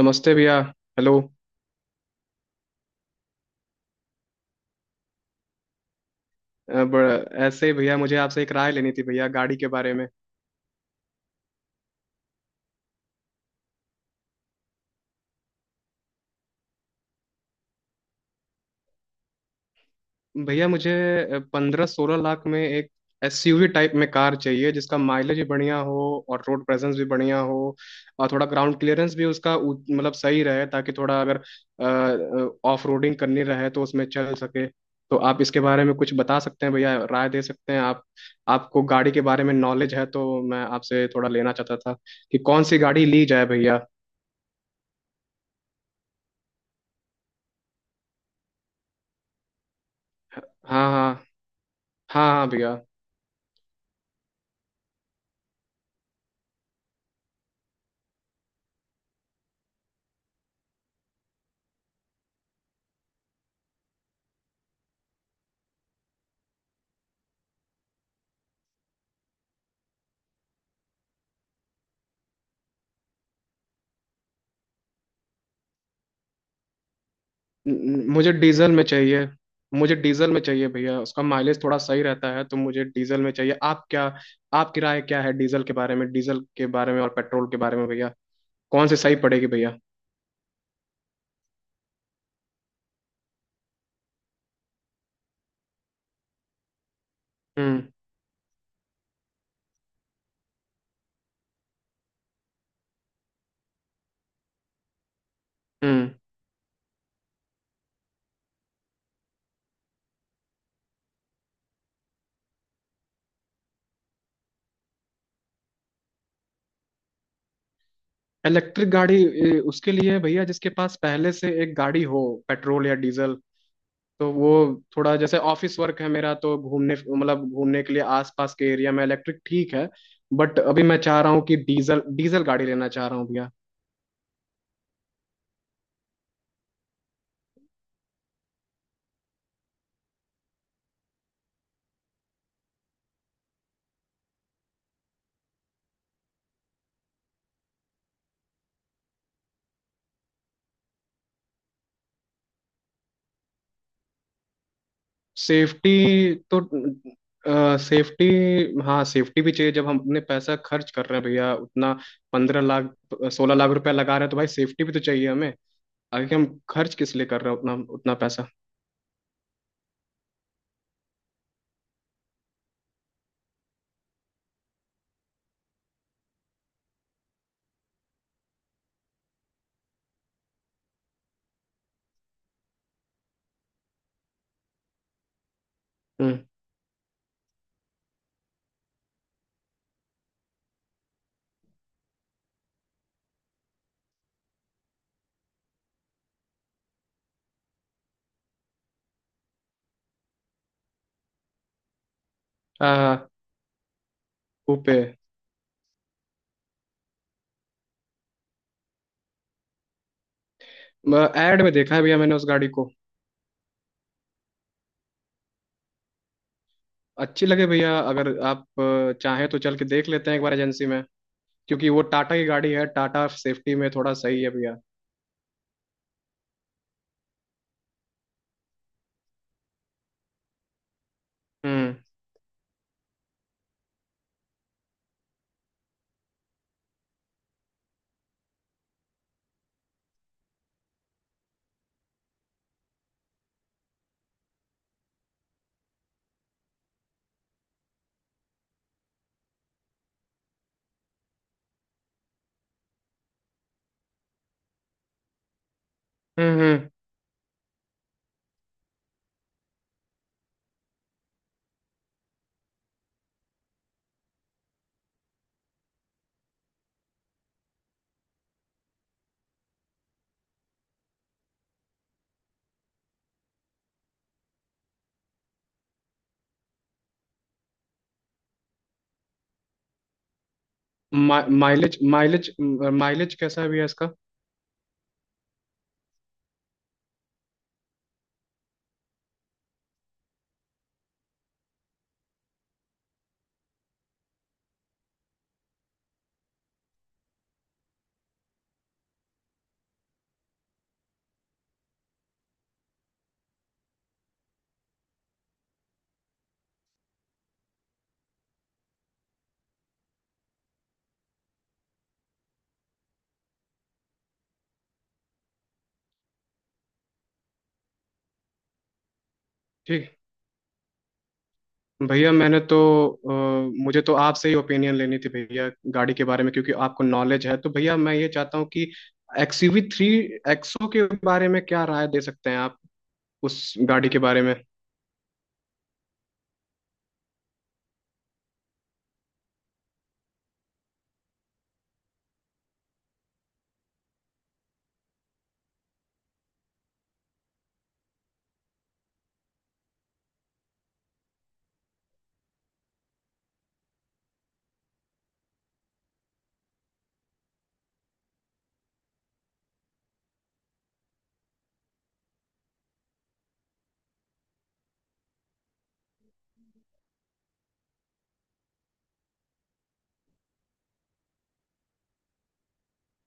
नमस्ते भैया। हेलो। ऐसे ही भैया, मुझे आपसे एक राय लेनी थी भैया, गाड़ी के बारे में। भैया मुझे 15-16 लाख में एक एसयूवी टाइप में कार चाहिए, जिसका माइलेज भी बढ़िया हो और रोड प्रेजेंस भी बढ़िया हो। और थोड़ा ग्राउंड क्लियरेंस भी उसका मतलब सही रहे ताकि थोड़ा अगर ऑफ रोडिंग करनी रहे तो उसमें चल सके। तो आप इसके बारे में कुछ बता सकते हैं भैया, राय दे सकते हैं आप? आपको गाड़ी के बारे में नॉलेज है तो मैं आपसे थोड़ा लेना चाहता था कि कौन सी गाड़ी ली जाए भैया। हाँ हाँ। हाँ हाँ भैया। न- मुझे डीजल में चाहिए। मुझे डीजल में चाहिए भैया, उसका माइलेज थोड़ा सही रहता है तो मुझे डीजल में चाहिए। आप क्या, आपकी राय क्या है डीजल के बारे में, डीजल के बारे में और पेट्रोल के बारे में भैया? कौन सी सही पड़ेगी भैया? हम्म। हम्म। इलेक्ट्रिक गाड़ी उसके लिए है भैया जिसके पास पहले से एक गाड़ी हो, पेट्रोल या डीजल। तो वो थोड़ा जैसे ऑफिस वर्क है मेरा तो घूमने, मतलब घूमने के लिए आसपास के एरिया में इलेक्ट्रिक ठीक है। बट अभी मैं चाह रहा हूँ कि डीजल डीजल गाड़ी लेना चाह रहा हूँ भैया। सेफ्टी तो, सेफ्टी, हाँ सेफ्टी भी चाहिए जब हम अपने पैसा खर्च कर रहे हैं भैया उतना। 15 लाख 16 लाख रुपया लगा रहे हैं तो भाई सेफ्टी भी तो चाहिए हमें। आगे हम खर्च किस लिए कर रहे हैं उतना उतना पैसा। हम्म। आ, ऊपे। एड में देखा है भैया मैंने उस गाड़ी को। अच्छी लगे भैया, अगर आप चाहें तो चल के देख लेते हैं एक बार एजेंसी में, क्योंकि वो टाटा की गाड़ी है, टाटा सेफ्टी में थोड़ा सही है भैया। हम्म। हम्म। हम्म। माइलेज, माइलेज, माइलेज कैसा है भैया इसका? ठीक। भैया मैंने तो, अ, मुझे तो आपसे ही ओपिनियन लेनी थी भैया गाड़ी के बारे में, क्योंकि आपको नॉलेज है। तो भैया मैं ये चाहता हूँ कि एक्सयूवी थ्री एक्सो के बारे में क्या राय दे सकते हैं आप उस गाड़ी के बारे में?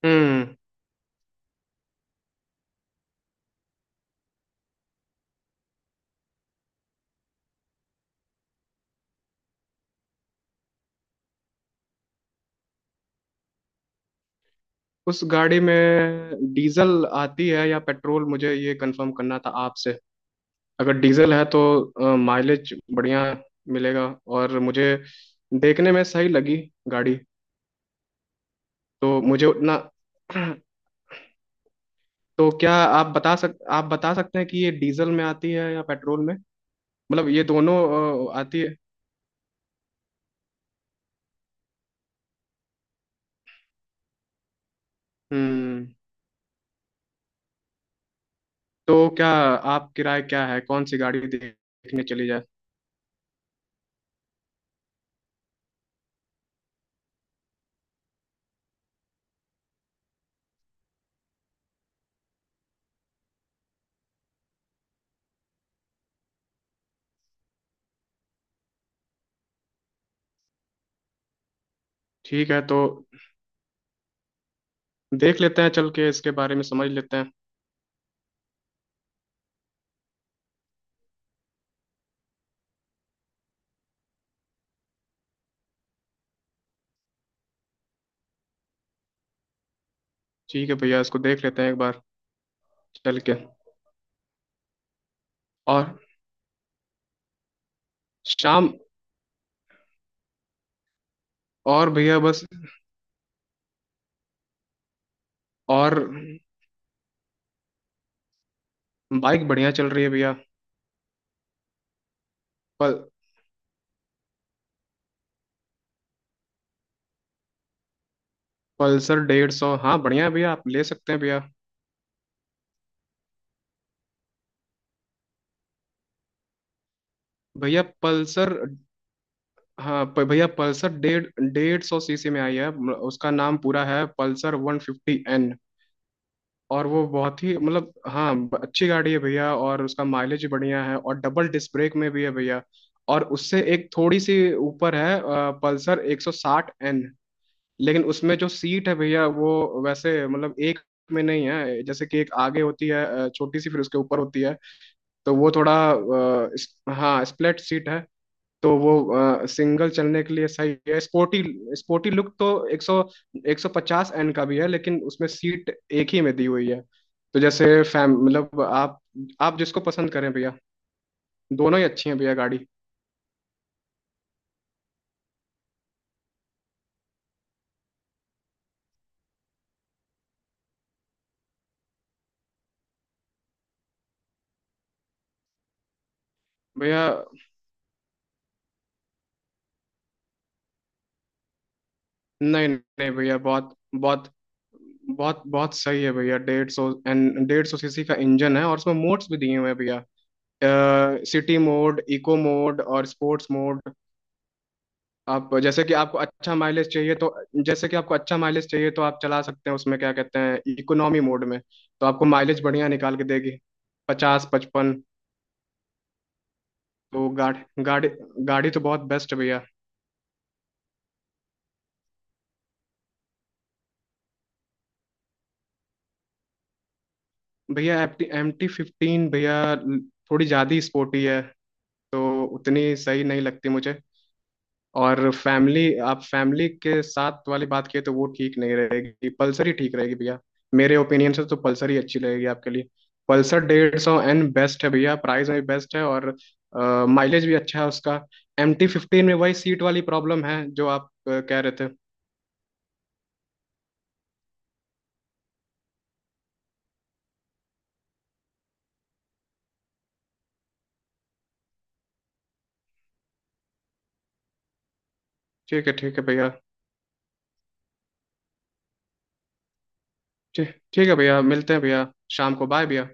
हम्म। उस गाड़ी में डीजल आती है या पेट्रोल, मुझे ये कंफर्म करना था आपसे। अगर डीजल है तो माइलेज बढ़िया मिलेगा। और मुझे देखने में सही लगी गाड़ी। तो मुझे उतना तो क्या आप बता सक आप बता सकते हैं कि ये डीजल में आती है या पेट्रोल में? मतलब ये दोनों आती है? हम्म। तो क्या आप, किराए क्या है, कौन सी गाड़ी देखने चली जाए? ठीक है तो देख लेते हैं चल के, इसके बारे में समझ लेते हैं। ठीक है भैया, इसको देख लेते हैं एक बार चल के। और शाम। और भैया बस। और बाइक बढ़िया चल रही है भैया। पल पल्सर 150, हाँ बढ़िया है भैया, आप ले सकते हैं भैया। भैया पल्सर। हाँ, भैया पल्सर डेढ़ डेढ़ सौ सीसी में आई है, उसका नाम पूरा है पल्सर 150 एन। और वो बहुत ही मतलब, हाँ, अच्छी गाड़ी है भैया, और उसका माइलेज बढ़िया है, और डबल डिस्क ब्रेक में भी है भैया। और उससे एक थोड़ी सी ऊपर है पल्सर 160 एन। लेकिन उसमें जो सीट है भैया वो, वैसे मतलब एक में नहीं है, जैसे कि एक आगे होती है छोटी सी, फिर उसके ऊपर होती है। तो वो थोड़ा, हाँ स्प्लिट सीट है। तो वो सिंगल चलने के लिए सही है, स्पोर्टी। स्पोर्टी लुक तो 100 150 एन का भी है, लेकिन उसमें सीट एक ही में दी हुई है। तो जैसे फैम, मतलब आप जिसको पसंद करें भैया। दोनों ही अच्छी हैं भैया गाड़ी। भैया नहीं नहीं भैया, बहुत बहुत बहुत बहुत सही है भैया। 150 एन 150 सीसी का इंजन है, और उसमें मोड्स भी दिए हुए हैं भैया। सिटी मोड, इको मोड और स्पोर्ट्स मोड। आप जैसे कि आपको अच्छा माइलेज चाहिए तो, जैसे कि आपको अच्छा माइलेज चाहिए तो आप चला सकते हैं उसमें, क्या कहते हैं, इकोनॉमी मोड में। तो आपको माइलेज बढ़िया निकाल के देगी, 50-55। तो गाड़ी, गाड़ी, गाड़ी तो बहुत बेस्ट है भैया। भैया एम टी 15, भैया थोड़ी ज़्यादा ही स्पोर्टी है, तो उतनी सही नहीं लगती मुझे। और फैमिली, आप फैमिली के साथ वाली बात किए तो वो ठीक नहीं रहेगी, पल्सर ही ठीक रहेगी भैया। मेरे ओपिनियन से तो पल्सर ही अच्छी रहेगी आपके लिए। पल्सर डेढ़ सौ एन बेस्ट है भैया, प्राइस में भी बेस्ट है और माइलेज भी अच्छा है उसका। एम टी फिफ्टीन में वही सीट वाली प्रॉब्लम है, जो आप कह रहे थे। ठीक है, ठीक है भैया। ठीक, ठीक है भैया, मिलते हैं भैया। शाम को, बाय भैया।